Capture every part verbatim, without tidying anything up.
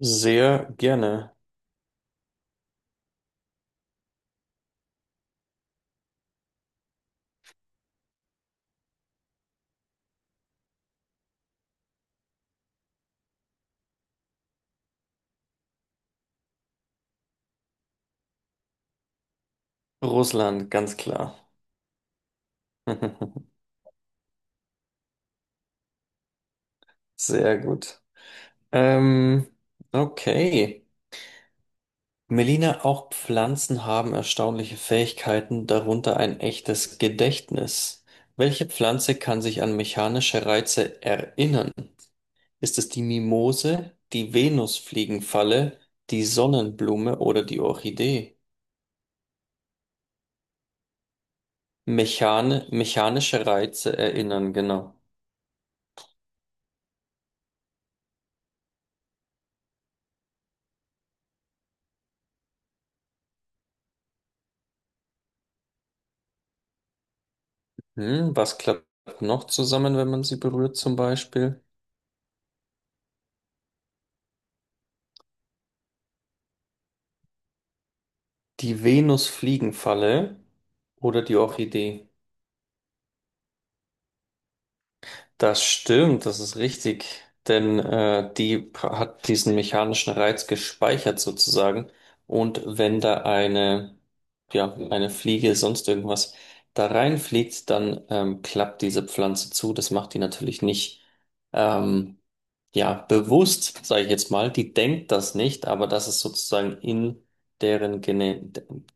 Sehr gerne. Russland, ganz klar. Sehr gut. Ähm, okay. Melina, auch Pflanzen haben erstaunliche Fähigkeiten, darunter ein echtes Gedächtnis. Welche Pflanze kann sich an mechanische Reize erinnern? Ist es die Mimose, die Venusfliegenfalle, die Sonnenblume oder die Orchidee? Mechane, mechanische Reize erinnern, genau. Hm, was klappt noch zusammen, wenn man sie berührt, zum Beispiel? Die Venusfliegenfalle oder die Orchidee? Das stimmt, das ist richtig. Denn äh, die pra- hat diesen mechanischen Reiz gespeichert sozusagen. Und wenn da eine, ja, eine Fliege, sonst irgendwas da reinfliegt, dann ähm, klappt diese Pflanze zu. Das macht die natürlich nicht, ähm, ja, bewusst, sage ich jetzt mal. Die denkt das nicht, aber das ist sozusagen in deren Gene,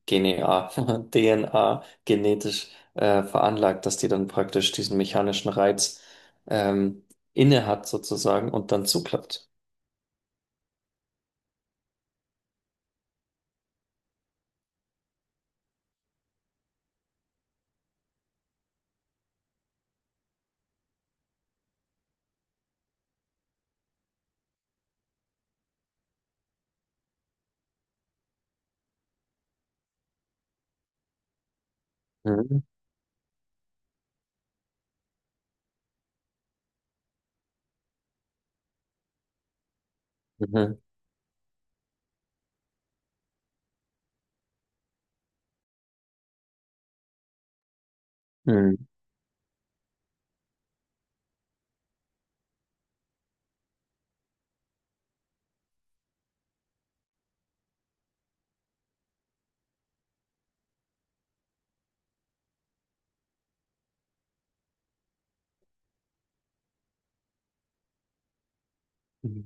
Genea, D N A genetisch äh, veranlagt, dass die dann praktisch diesen mechanischen Reiz ähm, inne hat sozusagen und dann zuklappt. Mhm. Mhm. Mhm. Mhm.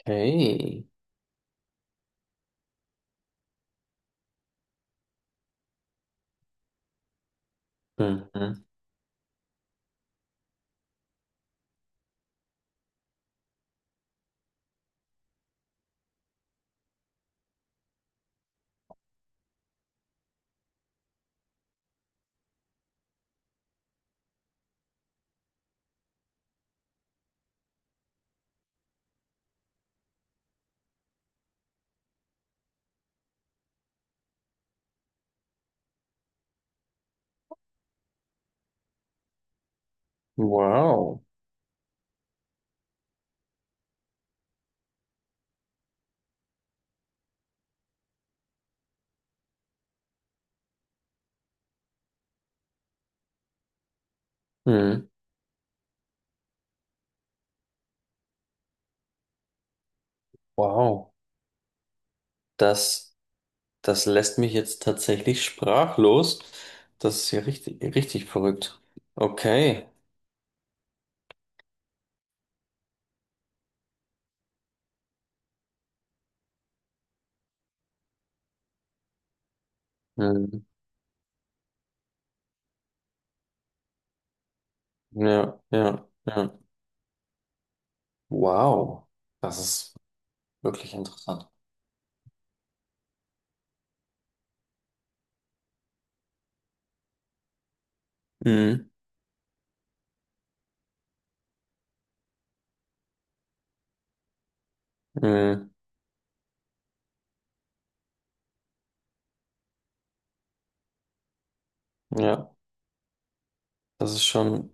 Okay. Mhm. Wow. Mhm. Wow. Das, das lässt mich jetzt tatsächlich sprachlos. Das ist ja richtig, richtig verrückt. Okay. Mhm. Ja, ja, ja. Wow. Das ist wirklich interessant. Mhm. Mhm. Ja, das ist schon.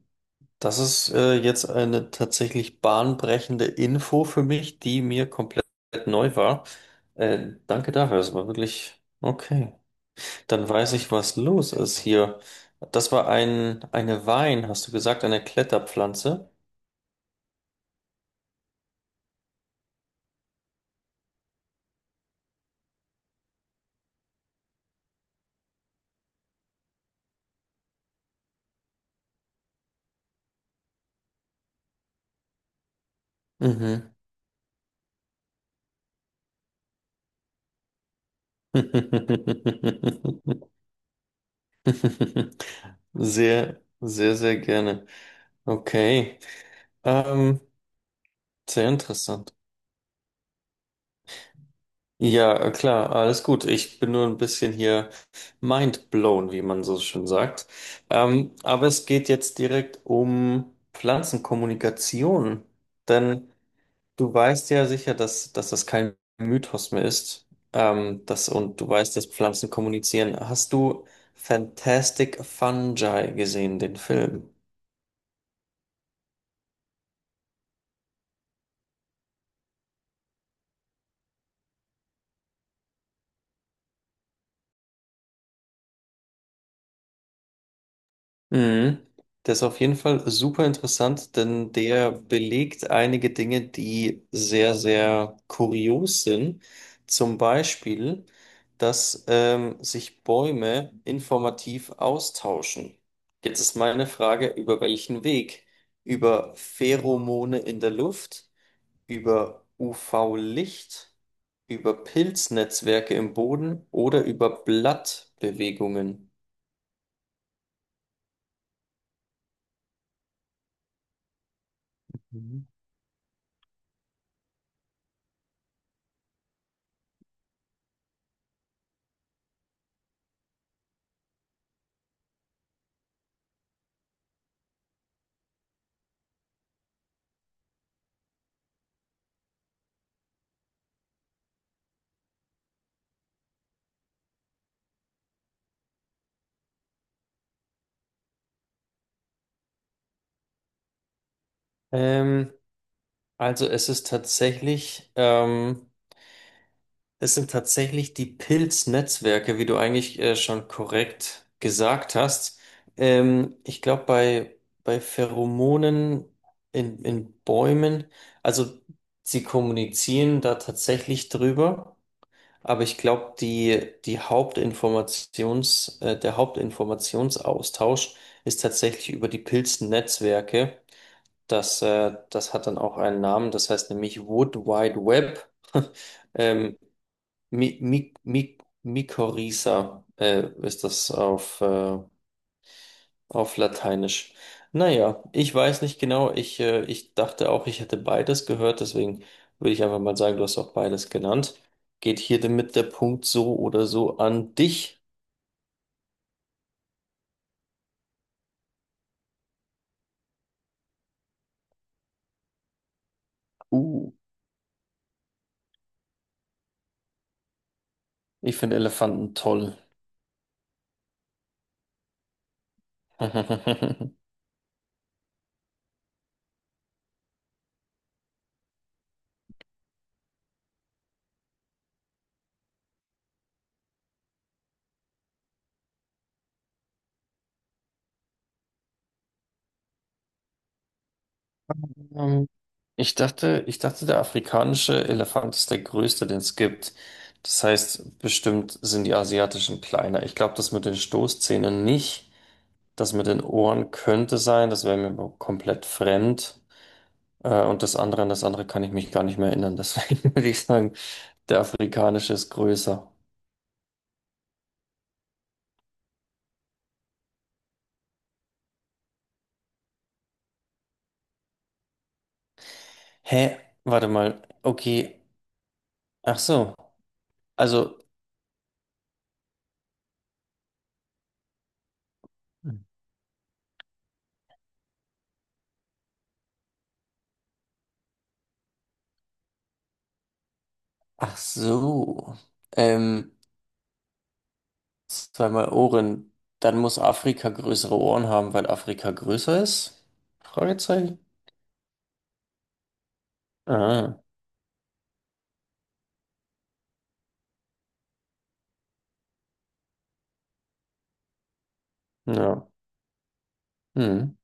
Das ist äh, jetzt eine tatsächlich bahnbrechende Info für mich, die mir komplett neu war. Äh, danke dafür, das war wirklich okay. Dann weiß ich, was los ist hier. Das war ein, eine Wein, hast du gesagt, eine Kletterpflanze. Mhm. Sehr, sehr, sehr gerne. Okay. Ähm, sehr interessant. Ja, äh, klar, alles gut. Ich bin nur ein bisschen hier mind blown, wie man so schön sagt. Ähm, aber es geht jetzt direkt um Pflanzenkommunikation. Denn du weißt ja sicher, dass, dass das kein Mythos mehr ist. Ähm, das, und du weißt, dass Pflanzen kommunizieren. Hast du Fantastic Fungi gesehen, den Film? Mhm. Der ist auf jeden Fall super interessant, denn der belegt einige Dinge, die sehr, sehr kurios sind. Zum Beispiel, dass ähm, sich Bäume informativ austauschen. Jetzt ist meine Frage, über welchen Weg? Über Pheromone in der Luft, über U V-Licht, über Pilznetzwerke im Boden oder über Blattbewegungen? Mhm. Ähm, Also es ist tatsächlich, ähm, es sind tatsächlich die Pilznetzwerke, wie du eigentlich äh, schon korrekt gesagt hast. Ähm, ich glaube, bei, bei Pheromonen in, in Bäumen, also sie kommunizieren da tatsächlich drüber, aber ich glaube, die, die Hauptinformations, äh, der Hauptinformationsaustausch ist tatsächlich über die Pilznetzwerke. Das, äh, das hat dann auch einen Namen, das heißt nämlich Wood Wide Web. ähm, Mi Mi Mi Mykorrhiza äh, ist das auf, äh, auf Lateinisch. Naja, ich weiß nicht genau. Ich, äh, ich dachte auch, ich hätte beides gehört, deswegen würde ich einfach mal sagen, du hast auch beides genannt. Geht hier damit der Punkt so oder so an dich? Uh, ich finde Elefanten toll. Ähm, ich dachte, ich dachte, der afrikanische Elefant ist der größte, den es gibt. Das heißt, bestimmt sind die asiatischen kleiner. Ich glaube, das mit den Stoßzähnen nicht. Das mit den Ohren könnte sein. Das wäre mir aber komplett fremd. Äh, und das andere, an das andere kann ich mich gar nicht mehr erinnern. Deswegen würde ich sagen, der afrikanische ist größer. Hä? Warte mal. Okay. Ach so. Also, ach so. Ähm. Zweimal Ohren. Dann muss Afrika größere Ohren haben, weil Afrika größer ist? Fragezeichen. Ah, ja. Hm.